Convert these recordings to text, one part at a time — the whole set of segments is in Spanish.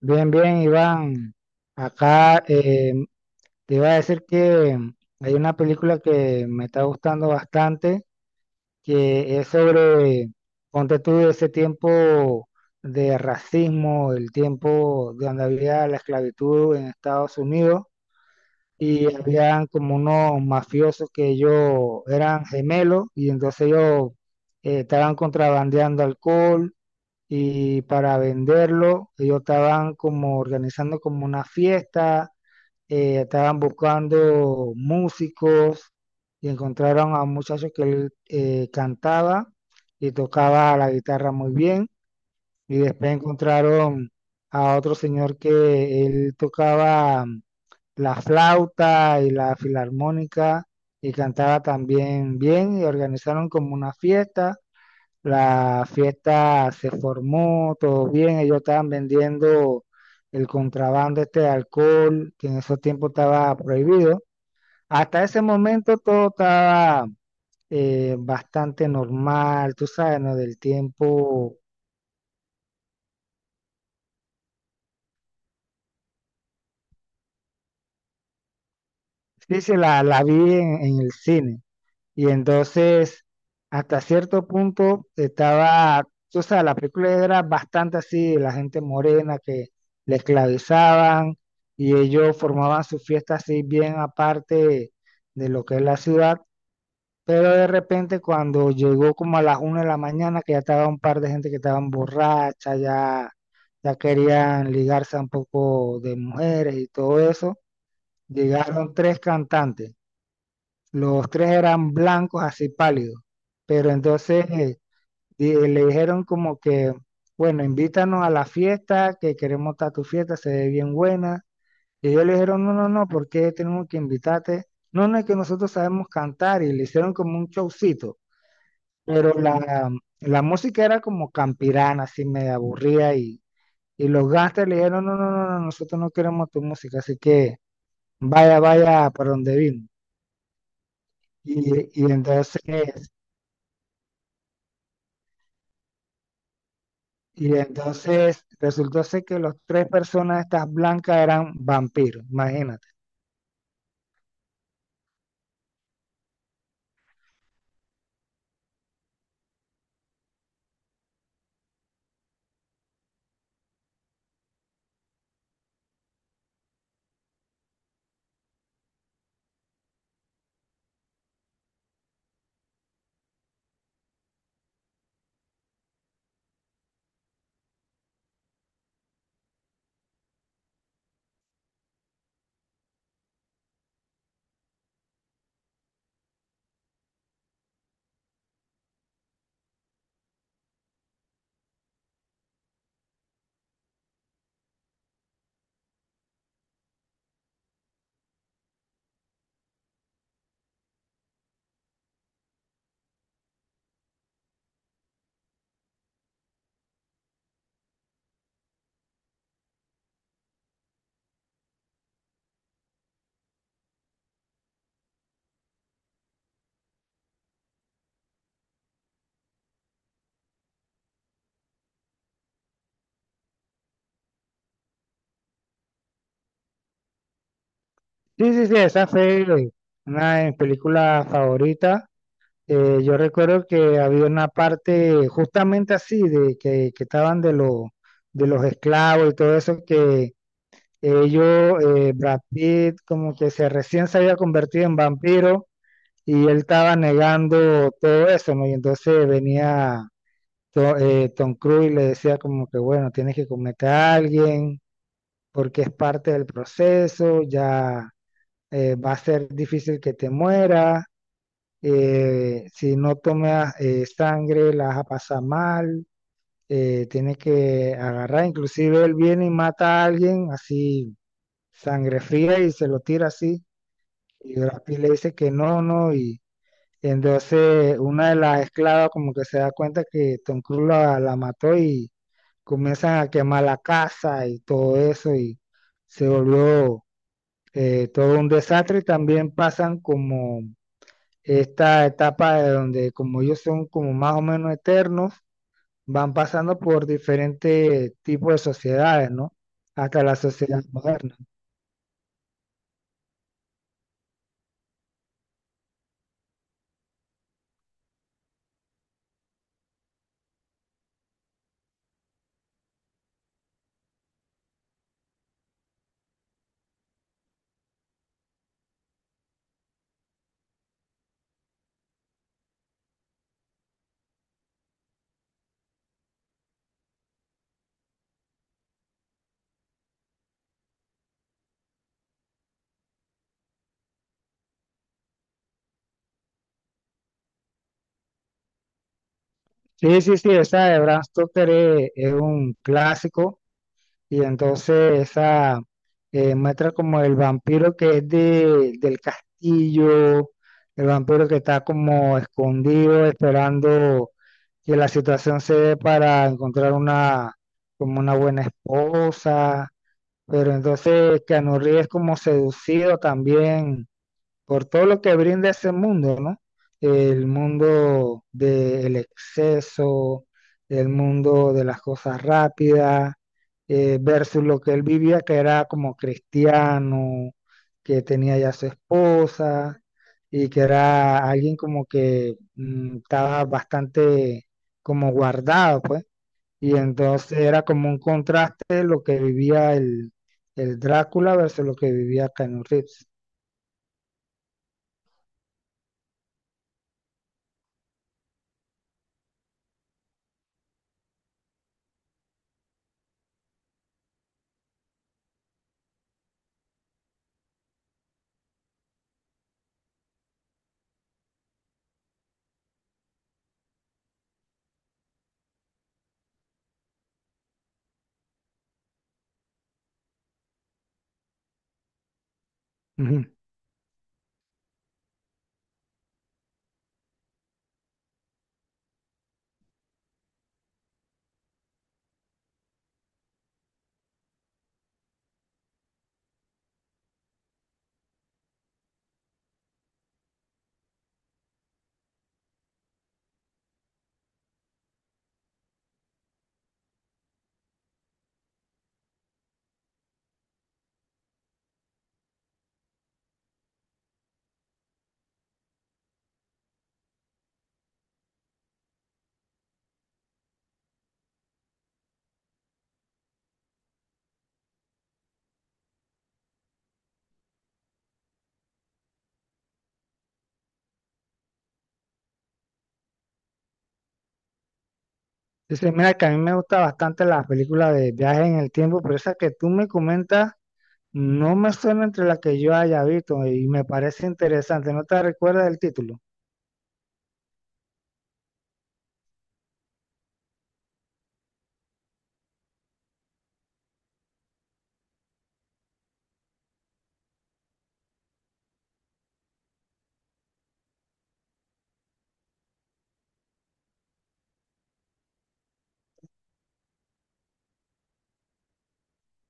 Bien, bien, Iván. Acá te iba a decir que hay una película que me está gustando bastante, que es sobre, ponte tú, ese tiempo de racismo, el tiempo donde había la esclavitud en Estados Unidos y habían como unos mafiosos que ellos eran gemelos y entonces ellos estaban contrabandeando alcohol y para venderlo, ellos estaban como organizando como una fiesta. Estaban buscando músicos y encontraron a un muchacho que cantaba y tocaba la guitarra muy bien y después encontraron a otro señor que él tocaba la flauta y la filarmónica y cantaba también bien y organizaron como una fiesta. La fiesta se formó, todo bien, ellos estaban vendiendo el contrabando este de alcohol, que en esos tiempos estaba prohibido. Hasta ese momento todo estaba bastante normal, tú sabes, ¿no? Del tiempo, sí, sí, la vi en el cine. Y entonces, hasta cierto punto, estaba, o sea, la película era bastante así, la gente morena que le esclavizaban y ellos formaban su fiesta así bien aparte de lo que es la ciudad. Pero de repente cuando llegó como a las una de la mañana, que ya estaba un par de gente que estaban borracha, ya, ya querían ligarse a un poco de mujeres y todo eso, llegaron tres cantantes, los tres eran blancos, así pálidos. Pero entonces le dijeron como que, bueno, invítanos a la fiesta, que queremos estar a tu fiesta, se ve bien buena. Y ellos le dijeron, no, no, no, ¿por qué tenemos que invitarte? No, no, es que nosotros sabemos cantar y le hicieron como un showcito. Pero la música era como campirana, así medio aburrida y los gangsters le dijeron, no, no, no, no, nosotros no queremos tu música, así que vaya, vaya para donde vino. Y, y entonces Y entonces resultó ser que las tres personas estas blancas eran vampiros, imagínate. Sí, sí, sí, esa fue una de mis películas favoritas. Yo recuerdo que había una parte justamente así, de que estaban los de los esclavos y todo eso, que Brad Pitt, como que se recién se había convertido en vampiro y él estaba negando todo eso, ¿no? Y entonces venía Tom Cruise le decía como que, bueno, tienes que comerte a alguien porque es parte del proceso. Ya va a ser difícil que te mueras, si no tomas sangre la vas a pasar mal. Tienes que agarrar, inclusive él viene y mata a alguien así, sangre fría y se lo tira así, y Brad Pitt le dice que no, no, y entonces una de las esclavas como que se da cuenta que Tom Cruise la mató y comienzan a quemar la casa y todo eso y se volvió todo un desastre. Y también pasan como esta etapa de donde como ellos son como más o menos eternos, van pasando por diferentes tipos de sociedades, ¿no? Hasta la sociedad moderna. Sí, sí, sí, esa de Bram Stoker es un clásico. Y entonces esa muestra como el vampiro que es del castillo, el vampiro que está como escondido esperando que la situación se dé para encontrar como una buena esposa. Pero entonces Keanu Reeves es como seducido también por todo lo que brinda ese mundo, ¿no? El mundo del exceso, el mundo de las cosas rápidas, versus lo que él vivía, que era como cristiano, que tenía ya su esposa y que era alguien como que estaba bastante como guardado, pues. Y entonces era como un contraste lo que vivía el Drácula versus lo que vivía Keanu Reeves. Ujú. Dice, mira que a mí me gusta bastante las películas de viaje en el tiempo, pero esa que tú me comentas no me suena entre las que yo haya visto y me parece interesante. No te recuerdas del título.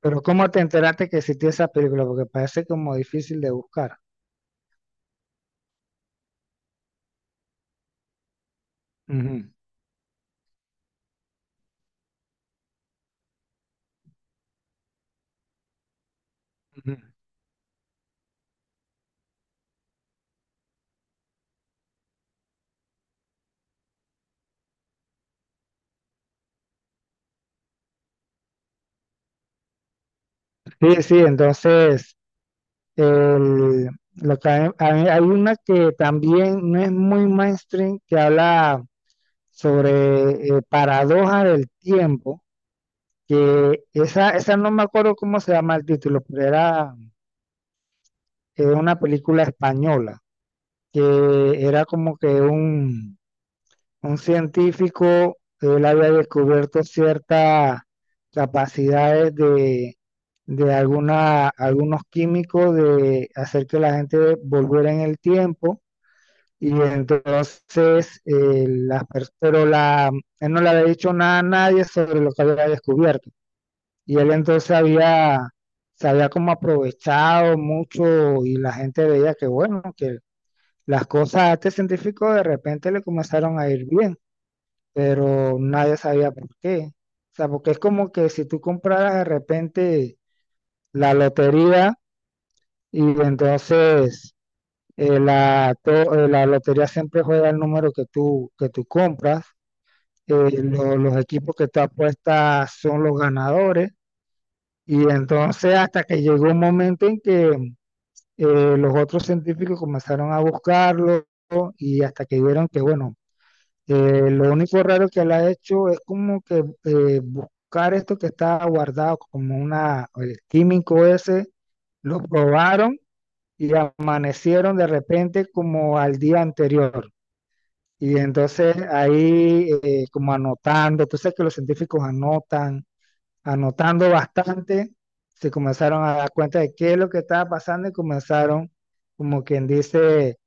Pero ¿cómo te enteraste que existía esa película? Porque parece como difícil de buscar. Ujú, ujú. Sí, sí, entonces el- lo que hay una que también no es muy mainstream que habla sobre paradoja del tiempo, que esa no me acuerdo cómo se llama el título, pero era una película española, que era como que un científico. Él había descubierto ciertas capacidades de algunos químicos de hacer que la gente volviera en el tiempo. Y entonces, las pers- pero la, él no le había dicho nada a nadie sobre lo que había descubierto. Y él entonces había, se había como aprovechado mucho y la gente veía que bueno, que las cosas a este científico de repente le comenzaron a ir bien, pero nadie sabía por qué. O sea, porque es como que si tú compraras de repente la lotería y entonces la lotería siempre juega el número que tú compras, los equipos que tú apuestas son los ganadores. Y entonces hasta que llegó un momento en que los otros científicos comenzaron a buscarlo y hasta que vieron que, bueno, lo único raro que él ha hecho es como que buscar esto que está guardado como el químico ese, lo probaron y amanecieron de repente como al día anterior. Y entonces ahí como anotando, tú sabes que los científicos anotan, anotando bastante, se comenzaron a dar cuenta de qué es lo que estaba pasando y comenzaron, como quien dice,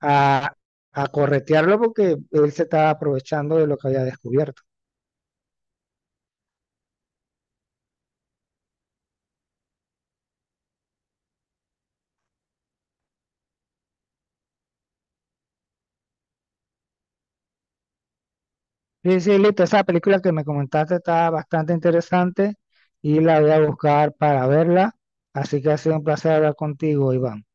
a, a corretearlo porque él se estaba aprovechando de lo que había descubierto. Sí, sí, listo, esa película que me comentaste está bastante interesante y la voy a buscar para verla, así que ha sido un placer hablar contigo, Iván.